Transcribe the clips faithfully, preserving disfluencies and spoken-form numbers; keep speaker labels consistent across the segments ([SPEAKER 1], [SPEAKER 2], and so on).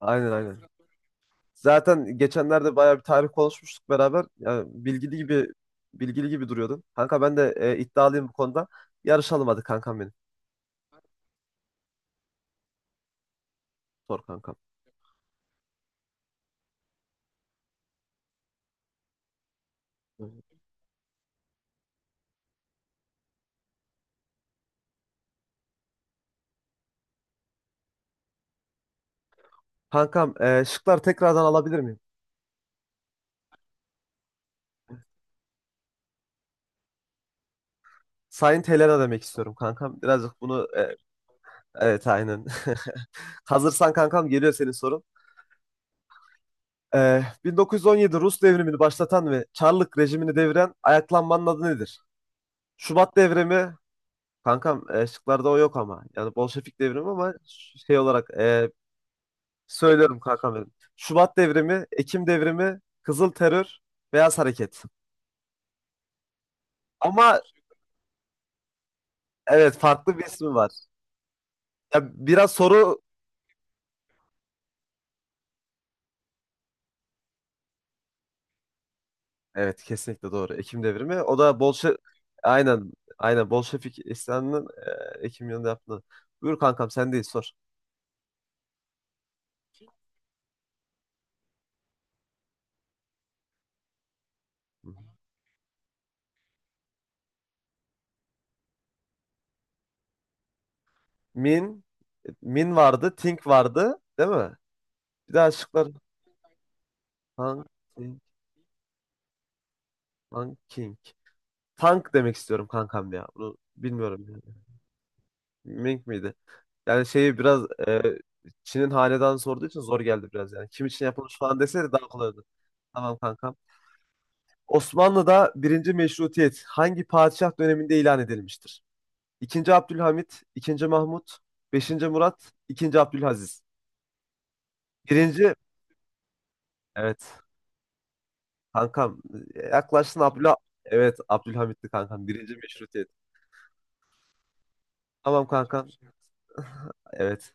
[SPEAKER 1] Aynen aynen. Zaten geçenlerde bayağı bir tarih konuşmuştuk beraber. Yani bilgili gibi bilgili gibi duruyordun. Kanka ben de e, iddialıyım bu konuda. Yarışalım hadi kankam benim. Sor kankam. Hı hı. Kankam e, şıklar tekrardan alabilir miyim? Saint Helena demek istiyorum kankam. Birazcık bunu e, evet aynen. Hazırsan kankam geliyor senin sorun. E, bin dokuz yüz on yedi Rus devrimini başlatan ve Çarlık rejimini deviren ayaklanmanın adı nedir? Şubat devrimi. Kankam e, şıklarda o yok ama. Yani Bolşevik devrimi, ama ş- şey olarak e, söylüyorum kankam benim. Şubat devrimi, Ekim devrimi, Kızıl Terör, Beyaz Hareket. Ama evet farklı bir ismi var. Ya biraz soru evet kesinlikle doğru. Ekim devrimi. O da Bolşe aynen aynen, Bolşevik isyanının e, Ekim yılında yaptığı. Buyur kankam, sen değil sor. Hı hı. Min Min vardı, Think vardı, değil mi? Bir daha şıklar. Tank, Think, Tank, King. Tank demek istiyorum kankam ya. Bunu bilmiyorum yani. Ming miydi? Yani şeyi biraz e, Çin'in hanedanı sorduğu için zor geldi biraz yani. Kim için yapılmış falan deseydi daha kolay olurdu. Tamam kankam. Osmanlı'da birinci meşrutiyet hangi padişah döneminde ilan edilmiştir? İkinci Abdülhamit, ikinci Mahmut, beşinci Murat, ikinci Abdülaziz. Birinci, evet kankam, yaklaştın. Abdülha, evet, Abdülhamit'ti kankam birinci meşrutiyet. Tamam kankam, evet.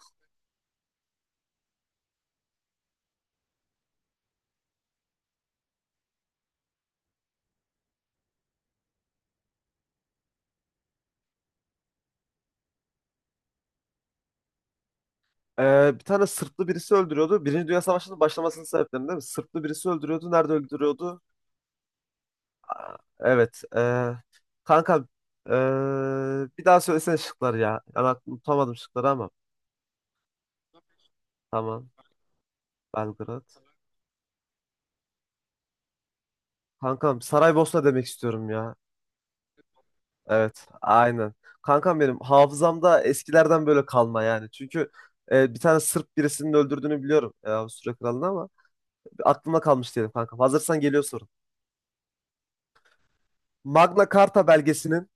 [SPEAKER 1] Ee, bir tane Sırplı birisi öldürüyordu. Birinci Dünya Savaşı'nın başlamasının sebeplerinden değil mi? Sırplı birisi öldürüyordu. Nerede öldürüyordu? Aa, Evet. Ee, kanka ee, bir daha söylesene şıkları ya. Yani aklım tutamadım şıkları ama. Tamam. Belgrad. Kankam Saraybosna demek istiyorum ya. Evet. Aynen. Kankam benim hafızamda eskilerden böyle kalma yani. Çünkü ee, bir tane Sırp birisinin öldürdüğünü biliyorum. E, Avusturya kralını, ama aklımda kalmış diyelim kankam. Hazırsan geliyor sorun. Magna Carta belgesinin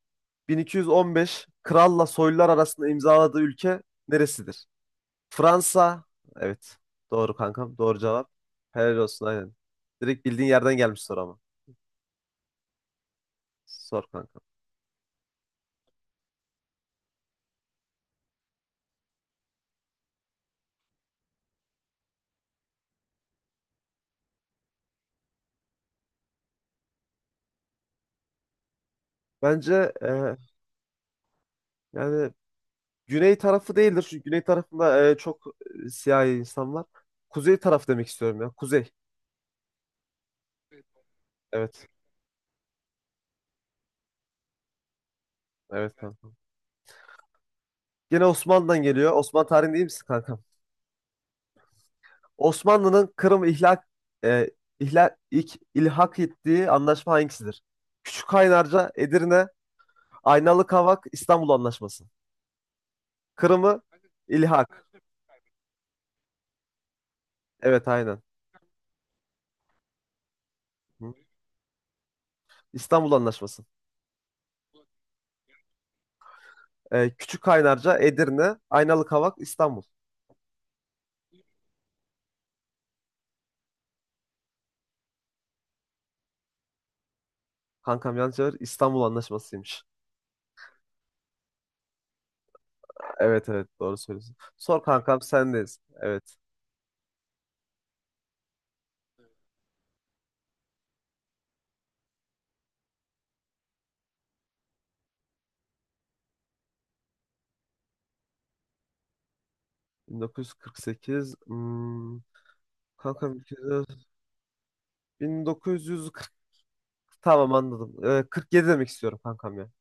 [SPEAKER 1] bin iki yüz on beş kralla soylular arasında imzaladığı ülke neresidir? Fransa. Evet. Doğru kankam. Doğru cevap. Helal olsun, aynen. Direkt bildiğin yerden gelmiş soru ama. Sor kankam. Bence e, yani güney tarafı değildir. Çünkü güney tarafında e, çok e, siyahi insan var. Kuzey taraf demek istiyorum ya. Kuzey. Evet. Evet kankam. Gene Osmanlı'dan geliyor. Osmanlı tarihi değil misin kankam? Osmanlı'nın Kırım ihlak e, ihlal ilk ilhak ettiği anlaşma hangisidir? Küçük Kaynarca, Edirne, Aynalı Kavak, İstanbul Anlaşması. Kırım'ı ilhak. Evet aynen. Hı. İstanbul Anlaşması. E, Küçük Kaynarca, Edirne, Aynalı Kavak, İstanbul. Kankam, yanlış cevap, İstanbul Anlaşması'ymış. Evet evet, doğru söylüyorsun. Sor kankam, sendeyiz. Evet. bin dokuz yüz kırk sekiz. Hmm, kankam, bin dokuz yüz kırk, tamam anladım. E, kırk yedi demek istiyorum kankam ya.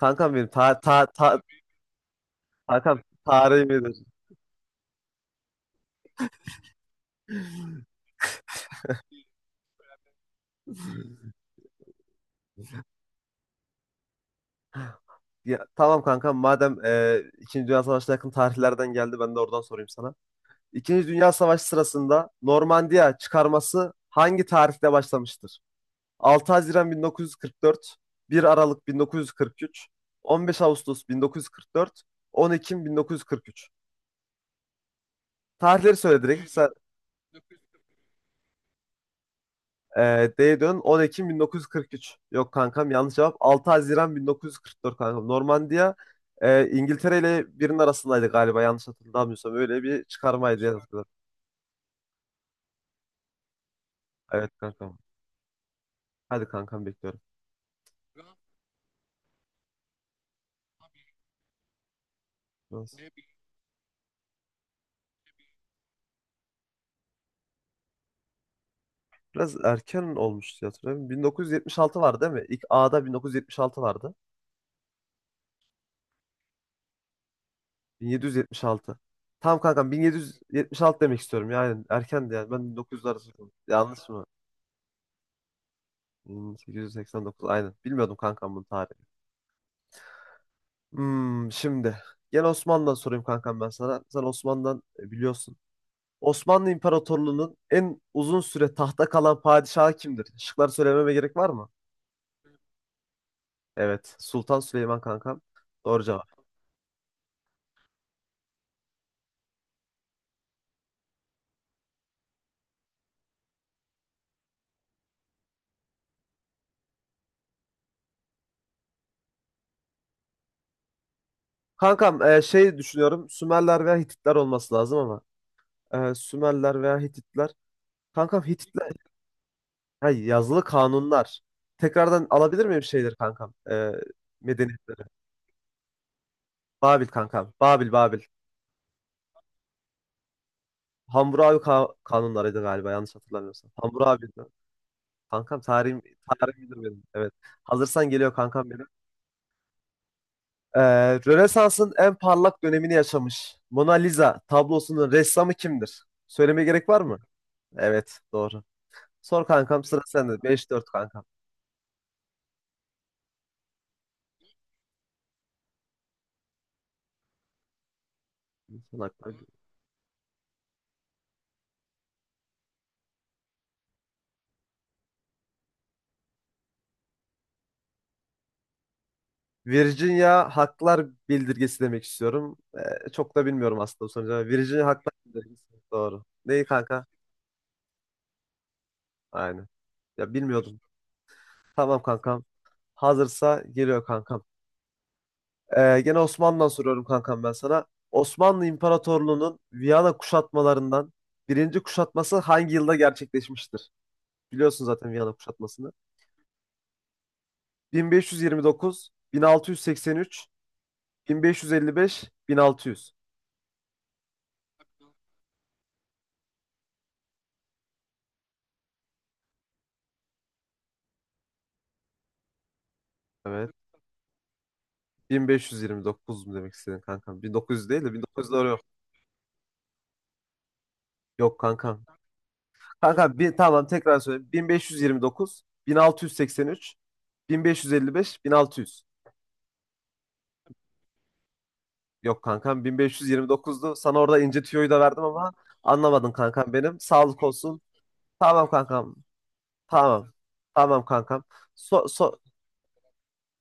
[SPEAKER 1] Kankam benim, ta ta ta kankam tarihim iyidir. Ya, tamam kankam, madem e, İkinci Dünya Savaşı'na yakın tarihlerden geldi, ben de oradan sorayım sana. İkinci Dünya Savaşı sırasında Normandiya çıkarması hangi tarihte başlamıştır? altı Haziran bin dokuz yüz kırk dört, bir Aralık bin dokuz yüz kırk üç, on beş Ağustos bin dokuz yüz kırk dört, on Ekim bin dokuz yüz kırk üç. Tarihleri söyle direkt. Ee, D dön, on Ekim bin dokuz yüz kırk üç. Yok kankam, yanlış cevap. altı Haziran bin dokuz yüz kırk dört kankam. Normandiya e, İngiltere ile birinin arasındaydı galiba, yanlış hatırlamıyorsam. Öyle bir çıkarmaydı diye güzel hatırlıyorum. Evet kankam. Hadi kankam, bekliyorum. Biraz, biraz erken olmuş diye hatırlıyorum. bin dokuz yüz yetmiş altı vardı değil mi? İlk A'da bin dokuz yüz yetmiş altı vardı. bin yedi yüz yetmiş altı. Tamam kankam, bin yedi yüz yetmiş altı demek istiyorum yani. Erkendi yani. Ben bin dokuz yüzler arası. Yanlış mı? bin sekiz yüz seksen dokuz, aynen. Bilmiyordum kankam bunun tarihi. Hmm, şimdi gel, Osmanlı'dan sorayım kankam ben sana. Sen Osmanlı'dan e, biliyorsun. Osmanlı İmparatorluğu'nun en uzun süre tahta kalan padişahı kimdir? Şıklar söylememe gerek var mı? Evet, Sultan Süleyman kankam. Doğru cevap. Kankam e, şey düşünüyorum. Sümerler veya Hititler olması lazım ama. E, Sümerler veya Hititler. Kankam Hititler. Hay, yazılı kanunlar. Tekrardan alabilir miyim şeyleri kankam? E, medeniyetleri. Babil kankam. Babil, Babil. Hammurabi ka- kanunlarıydı galiba, yanlış hatırlamıyorsam. Hammurabi'ydi. Kankam, tarihim, tarihim bilir benim. Evet. Hazırsan geliyor kankam benim. Ee, Rönesans'ın en parlak dönemini yaşamış Mona Lisa tablosunun ressamı kimdir? Söylemeye gerek var mı? Evet, doğru. Sor kankam, sıra sende. Beş dört kankam. Son haklar. Virginia Haklar Bildirgesi demek istiyorum. Ee, çok da bilmiyorum aslında bu sonucu. Virginia Haklar Bildirgesi. Doğru. Neyi kanka? Aynen. Ya bilmiyordum. Tamam kankam. Hazırsa geliyor kankam. Ee, gene Osmanlı'dan soruyorum kankam ben sana. Osmanlı İmparatorluğu'nun Viyana kuşatmalarından birinci kuşatması hangi yılda gerçekleşmiştir? Biliyorsun zaten Viyana kuşatmasını. bin beş yüz yirmi dokuz, bin altı yüz seksen üç, bin beş yüz elli beş, bin altı yüz. Evet. bin beş yüz yirmi dokuz mu demek istedin kankam? bin dokuz yüz değil de bin dokuz yüz, doğru yok. Yok kankam. Kankam bir, tamam, tekrar söyleyeyim. bin beş yüz yirmi dokuz, bin altı yüz seksen üç, bin beş yüz elli beş, bin altı yüz. Yok kankam, bin beş yüz yirmi dokuzdu. Sana orada ince tüyoyu da verdim ama anlamadın kankam benim. Sağlık olsun. Tamam kankam. Tamam. Tamam kankam. So, so,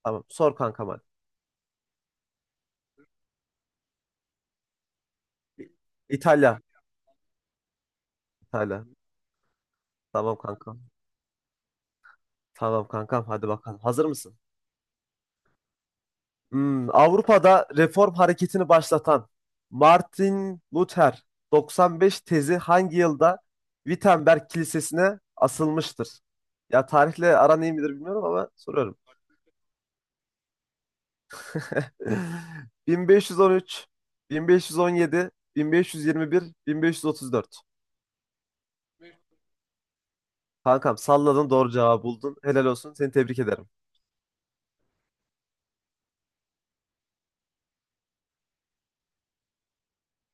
[SPEAKER 1] tamam. Sor kankam hadi. İtalya. İtalya. Tamam kankam. Tamam kankam. Hadi bakalım. Hazır mısın? Hmm, Avrupa'da reform hareketini başlatan Martin Luther doksan beş tezi hangi yılda Wittenberg Kilisesi'ne asılmıştır? Ya tarihle aran iyi midir bilmiyorum ama soruyorum. bin beş yüz on üç, bin beş yüz on yedi, bin beş yüz yirmi bir, bin beş yüz otuz dört. Kankam salladın, doğru cevabı buldun. Helal olsun. Seni tebrik ederim.